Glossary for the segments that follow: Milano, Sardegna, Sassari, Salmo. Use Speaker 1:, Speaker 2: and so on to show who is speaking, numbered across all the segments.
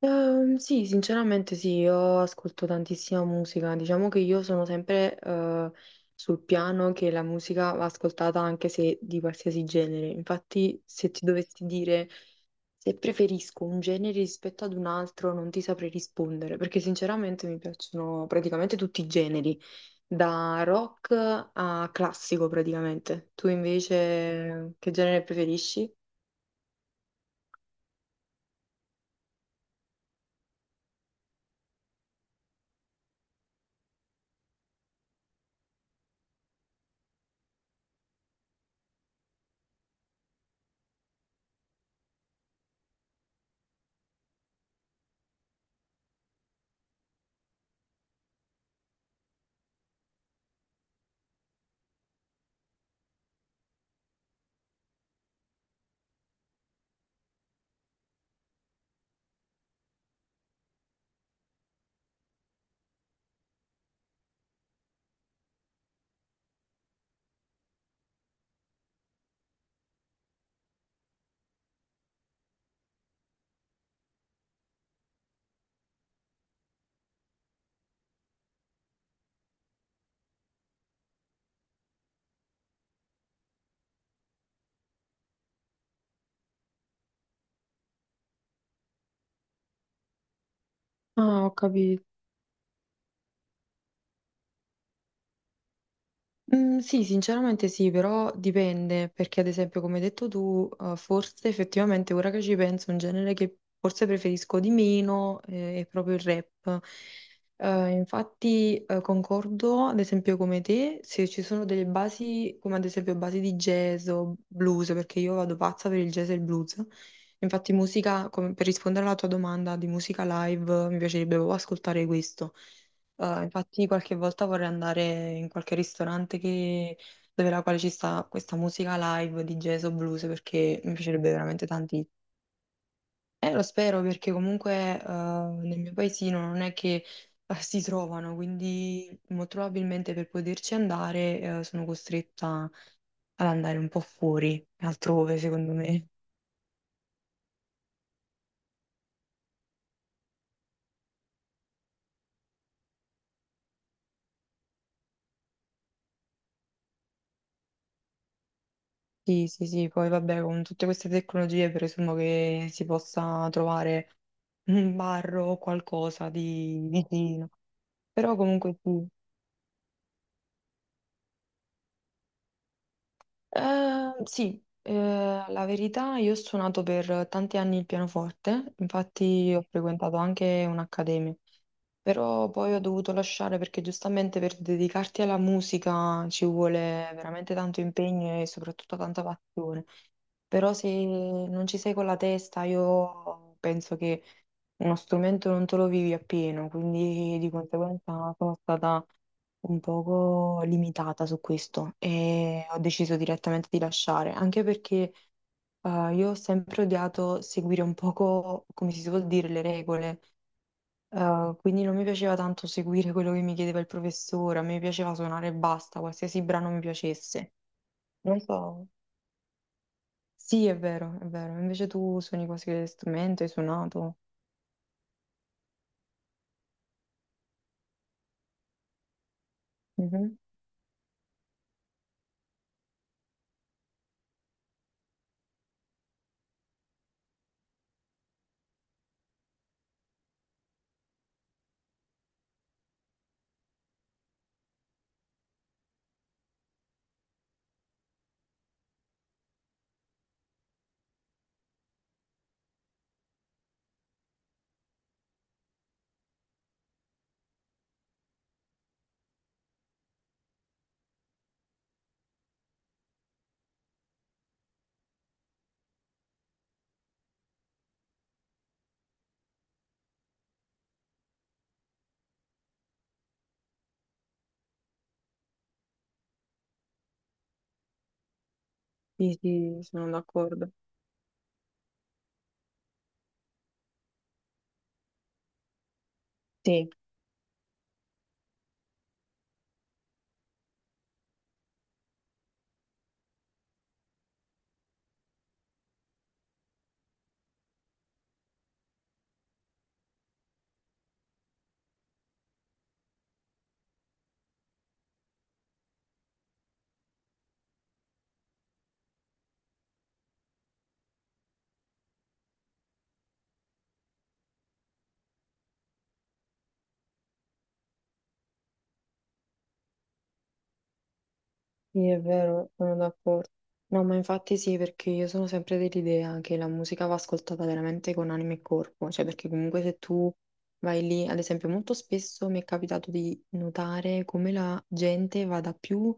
Speaker 1: Sì, sinceramente sì, io ascolto tantissima musica, diciamo che io sono sempre sul piano che la musica va ascoltata anche se di qualsiasi genere. Infatti, se ti dovessi dire se preferisco un genere rispetto ad un altro, non ti saprei rispondere, perché sinceramente mi piacciono praticamente tutti i generi, da rock a classico praticamente. Tu invece che genere preferisci? Ah, ho capito. Mhmm, sì, sinceramente sì, però dipende, perché ad esempio come hai detto tu, forse effettivamente ora che ci penso un genere che forse preferisco di meno, è proprio il rap. Infatti, concordo ad esempio come te, se ci sono delle basi, come ad esempio basi di jazz o blues, perché io vado pazza per il jazz e il blues. Infatti musica, come per rispondere alla tua domanda di musica live, mi piacerebbe proprio ascoltare questo. Infatti qualche volta vorrei andare in qualche dove la quale ci sta questa musica live di jazz o blues, perché mi piacerebbe veramente tantissimo. Lo spero, perché comunque nel mio paesino non è che si trovano, quindi molto probabilmente per poterci andare sono costretta ad andare un po' fuori, altrove secondo me. Sì, sì, sì, poi vabbè, con tutte queste tecnologie presumo che si possa trovare un bar o qualcosa di vicino. Però comunque sì. Eh, sì, la verità, io ho suonato per tanti anni il pianoforte, infatti ho frequentato anche un'accademia, però poi ho dovuto lasciare perché giustamente per dedicarti alla musica ci vuole veramente tanto impegno e soprattutto tanta passione. Però se non ci sei con la testa, io penso che uno strumento non te lo vivi appieno, quindi di conseguenza sono stata un poco limitata su questo e ho deciso direttamente di lasciare, anche perché io ho sempre odiato seguire un poco, come si suol dire, le regole. Quindi non mi piaceva tanto seguire quello che mi chiedeva il professore, a me piaceva suonare e basta, qualsiasi brano mi piacesse. Non so. Sì, è vero, è vero. Invece tu suoni qualsiasi strumento, hai suonato. Mhm. Sì, sì, sono d'accordo. Sì. Sì, è vero, sono d'accordo. No, ma infatti sì, perché io sono sempre dell'idea che la musica va ascoltata veramente con anima e corpo, cioè perché comunque se tu vai lì, ad esempio, molto spesso mi è capitato di notare come la gente vada più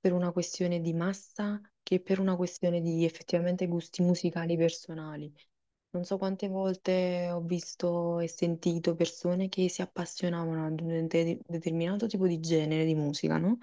Speaker 1: per una questione di massa che per una questione di effettivamente gusti musicali personali. Non so quante volte ho visto e sentito persone che si appassionavano ad determinato tipo di genere di musica, no?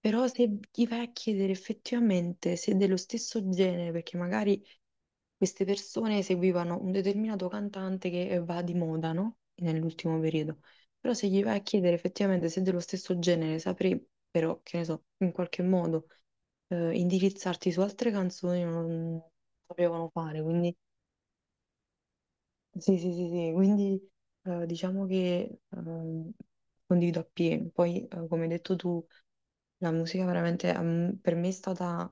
Speaker 1: Però se gli vai a chiedere effettivamente se è dello stesso genere, perché magari queste persone seguivano un determinato cantante che va di moda, no? Nell'ultimo periodo. Però se gli vai a chiedere effettivamente se è dello stesso genere, saprei però, che ne so, in qualche modo indirizzarti su altre canzoni non sapevano fare. Quindi, sì, sì, sì, sì. Quindi diciamo che condivido appieno. Poi, come hai detto tu, la musica veramente per me è stata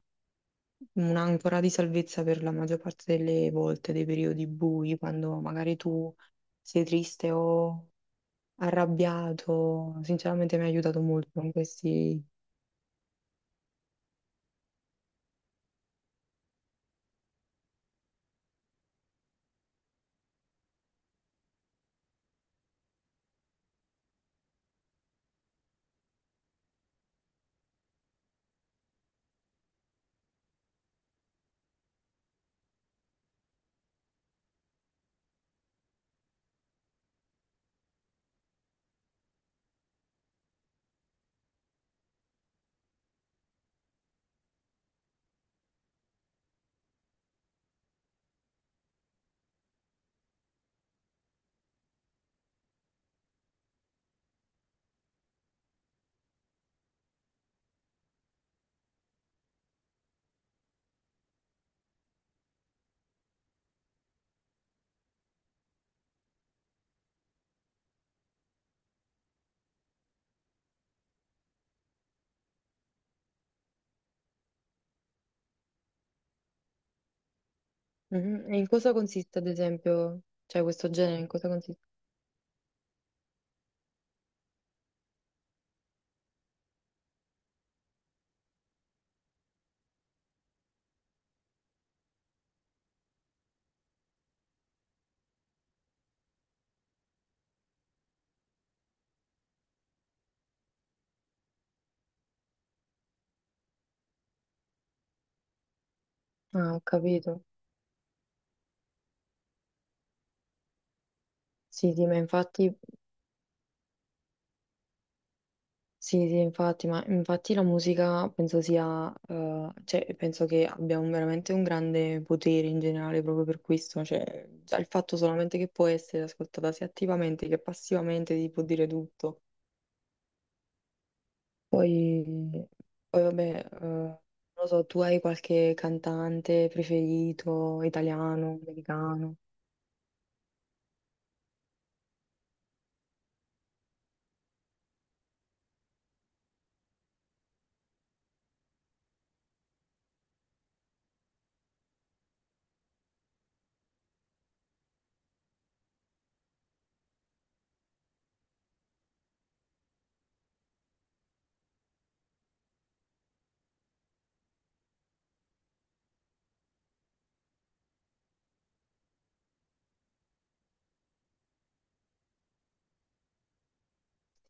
Speaker 1: un'ancora di salvezza per la maggior parte delle volte, dei periodi bui, quando magari tu sei triste o arrabbiato. Sinceramente mi ha aiutato molto in questi... Mhm. E in cosa consiste, ad esempio, cioè questo genere, in cosa consiste? Ah, ho capito. Sì, sì, ma infatti sì, sì, infatti, ma infatti la musica penso sia, cioè, penso che abbia veramente un grande potere in generale proprio per questo, cioè, già il fatto solamente che può essere ascoltata sia attivamente che passivamente ti può dire tutto. Poi, poi vabbè, non lo so, tu hai qualche cantante preferito, italiano, americano?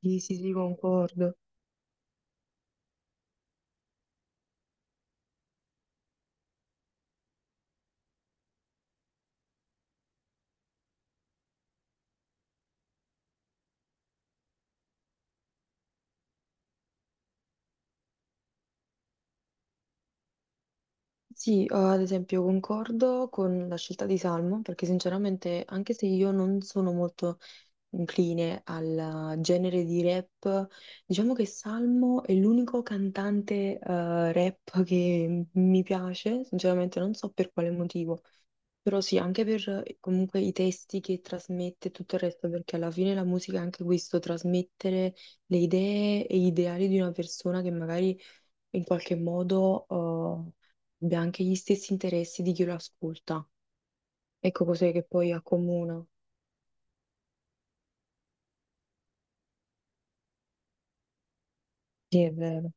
Speaker 1: Sì, sì, sì, concordo. Sì, ad esempio concordo con la scelta di Salmo, perché sinceramente anche se io non sono molto incline al genere di rap. Diciamo che Salmo è l'unico cantante rap che mi piace, sinceramente non so per quale motivo, però sì, anche per comunque i testi che trasmette e tutto il resto, perché alla fine la musica è anche questo, trasmettere le idee e gli ideali di una persona che magari in qualche modo eh, abbia anche gli stessi interessi di chi lo ascolta. Ecco cos'è che poi accomuna. Sì, è vero.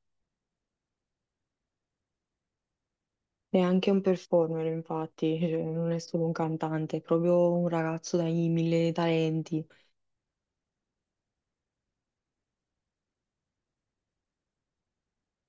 Speaker 1: Neanche un performer, infatti, cioè, non è solo un cantante, è proprio un ragazzo dai mille talenti.